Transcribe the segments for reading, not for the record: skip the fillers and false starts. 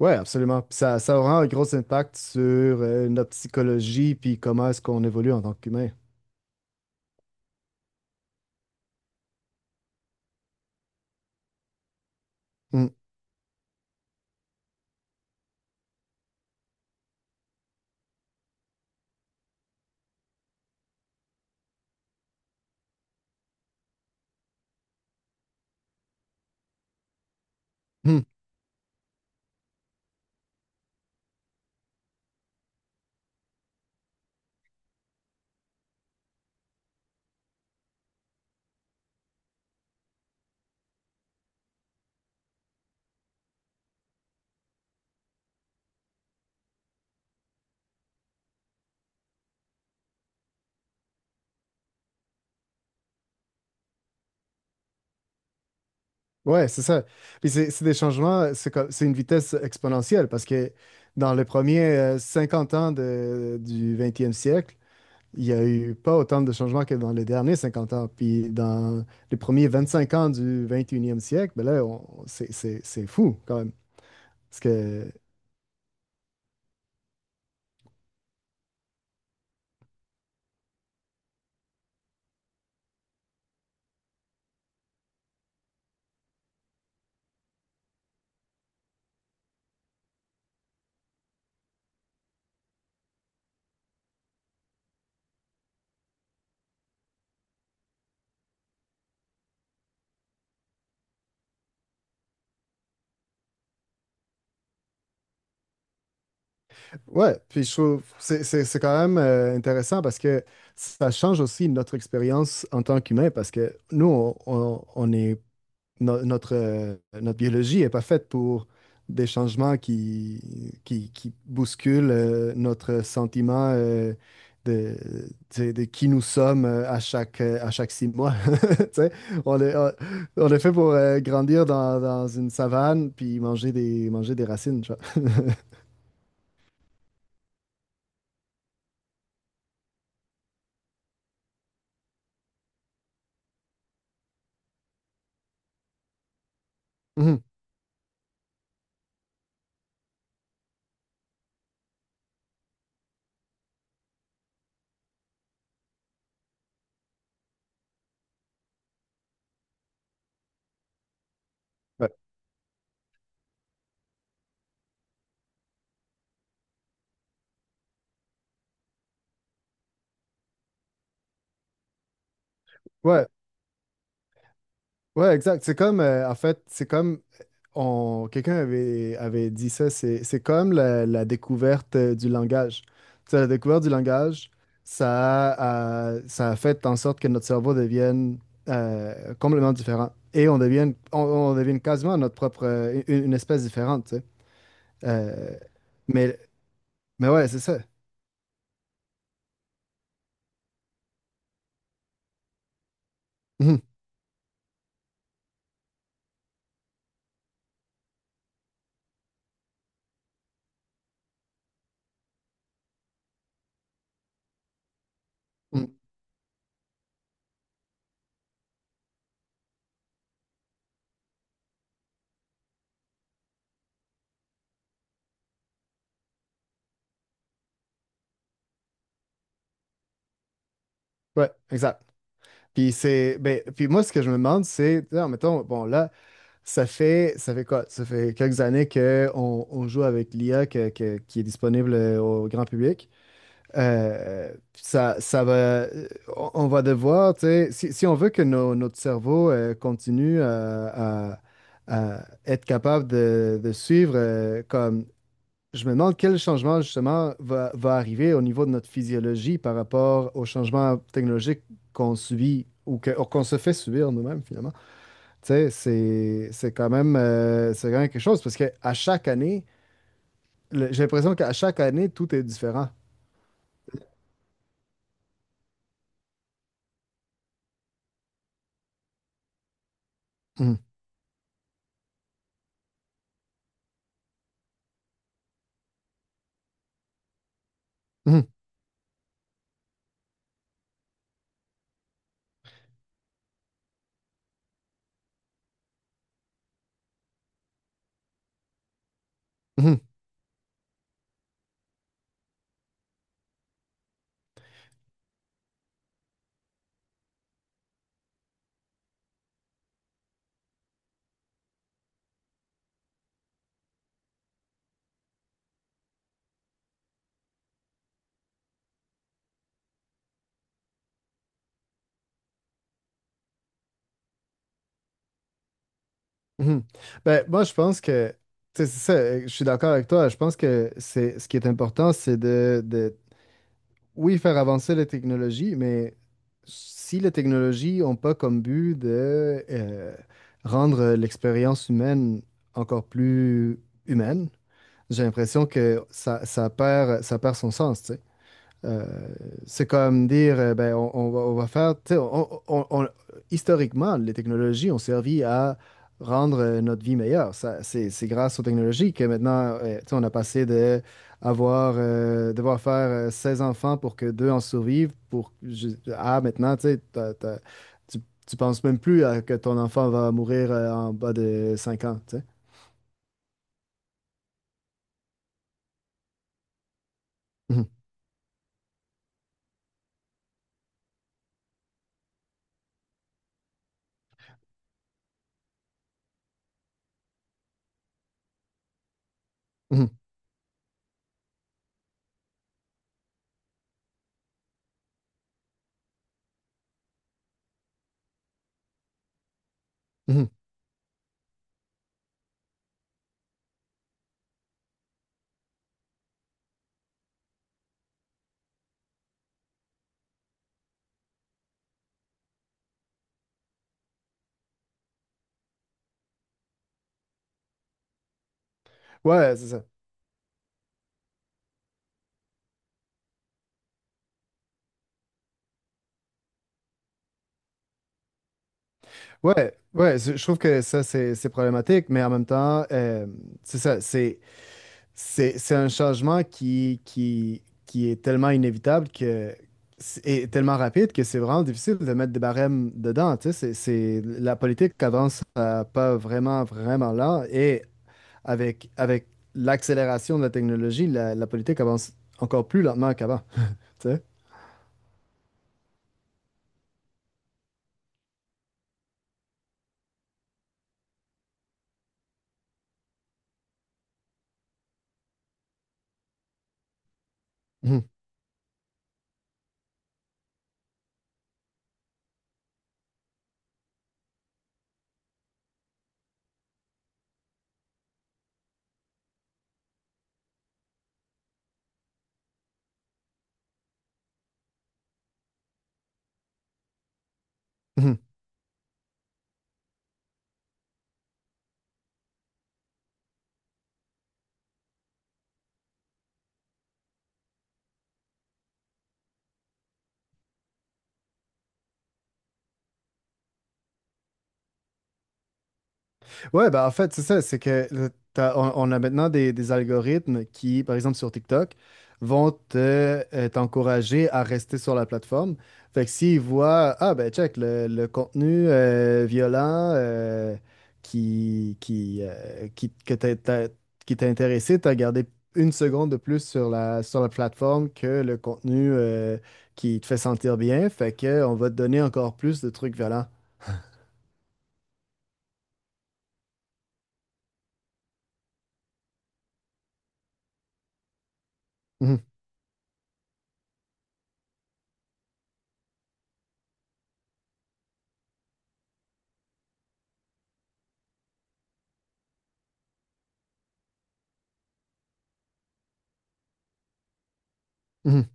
Ouais, absolument. Puis ça aura un gros impact sur notre psychologie, puis comment est-ce qu'on évolue en tant qu'humain. Mm. Mm. Ouais, c'est ça. Puis c'est des changements, c'est une vitesse exponentielle parce que dans les premiers 50 ans du 20e siècle, il n'y a eu pas autant de changements que dans les derniers 50 ans. Puis dans les premiers 25 ans du 21e siècle, ben là, c'est fou quand même. Ouais, puis je trouve c'est quand même intéressant parce que ça change aussi notre expérience en tant qu'humain parce que nous on est notre notre biologie est pas faite pour des changements qui bousculent notre sentiment de, de qui nous sommes à chaque 6 mois. Tu sais, on est on, on est fait pour grandir dans une savane puis manger des racines, tu vois. Mhm. Ouais. Ouais. Ouais, exact. C'est comme, en fait, quelqu'un avait dit ça, c'est comme la découverte du langage. Tu sais, la découverte du langage, ça a fait en sorte que notre cerveau devienne complètement différent et on devienne, on devienne quasiment notre propre, une espèce différente, tu sais. Euh, mais, mais ouais, c'est ça. Mhm. Mhm. Ouais, exact. Puis ben, puis moi, ce que je me demande, c'est, mettons, bon, là, ça fait quoi? Ça fait quelques années qu'on on joue avec l'IA qui est disponible au grand public. Ça, ça va, euh, on va devoir, tu sais, si on veut que notre cerveau continue à être capable de suivre, comme je me demande quel changement justement va arriver au niveau de notre physiologie par rapport aux changements technologiques qu'on subit ou ou qu'on se fait subir nous-mêmes finalement. Tu sais, c'est quand même, c'est quand même quelque chose parce que à chaque année, j'ai l'impression qu'à chaque année, tout est différent. Mhm. Mhm. Mhm. Mhm. Ben, moi, je pense que, tu sais, c'est ça, je suis d'accord avec toi. Je pense que c'est ce qui est important, c'est de, oui, faire avancer les technologies, mais si les technologies n'ont pas comme but de rendre l'expérience humaine encore plus humaine, j'ai l'impression que ça, ça perd son sens, tu sais. Euh, c'est comme dire, ben, on va faire, tu sais, historiquement, les technologies ont servi à rendre notre vie meilleure. Ça, c'est grâce aux technologies que maintenant, tu sais, on a passé de avoir, devoir faire 16 enfants pour que deux en survivent, pour, à maintenant, tu sais, tu, tu penses même plus à que ton enfant va mourir en bas de 5 ans, tu sais. Mhm, mhm, mhm. Ouais, c'est ça. Ouais, ouais, je trouve que ça, c'est problématique, mais en même temps, c'est ça, c'est un changement qui est tellement inévitable que, et tellement rapide que c'est vraiment difficile de mettre des barèmes dedans, tu sais, la politique avance à pas vraiment, vraiment lent, et avec l'accélération de la technologie, la politique avance encore plus lentement qu'avant, tu sais. Mhm. Ouais, bah en fait, c'est ça, c'est que on a maintenant des algorithmes qui, par exemple sur TikTok, vont t'encourager à rester sur la plateforme. Fait que s'ils voient, ah ben check, le contenu violent que qui t'a intéressé, t'as gardé une seconde de plus sur sur la plateforme que le contenu qui te fait sentir bien. Fait que on va te donner encore plus de trucs violents. Mhm, mhm.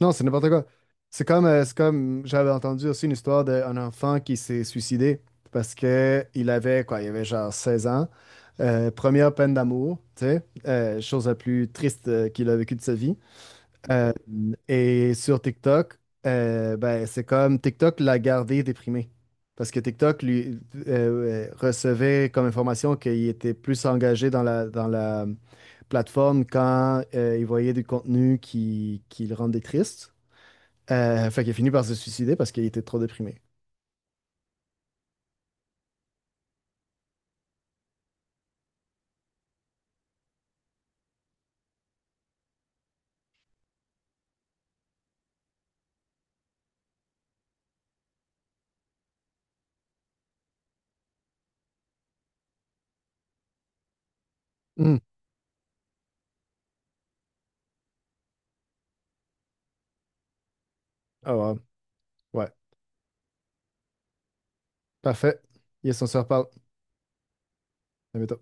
Non, c'est n'importe quoi. C'est comme j'avais entendu aussi une histoire d'un enfant qui s'est suicidé parce que il avait quoi, il avait genre 16 ans. Première peine d'amour, tu sais, chose la plus triste qu'il a vécue de sa vie. Euh, et sur TikTok, ben, c'est comme TikTok l'a gardé déprimé. Parce que TikTok lui recevait comme information qu'il était plus engagé dans dans la plateforme quand il voyait du contenu qui le rendait triste. Fait qu'il a fini par se suicider parce qu'il était trop déprimé. Hmm. Ah ouais. Ouais. Parfait. Yes, on se reparle. À bientôt.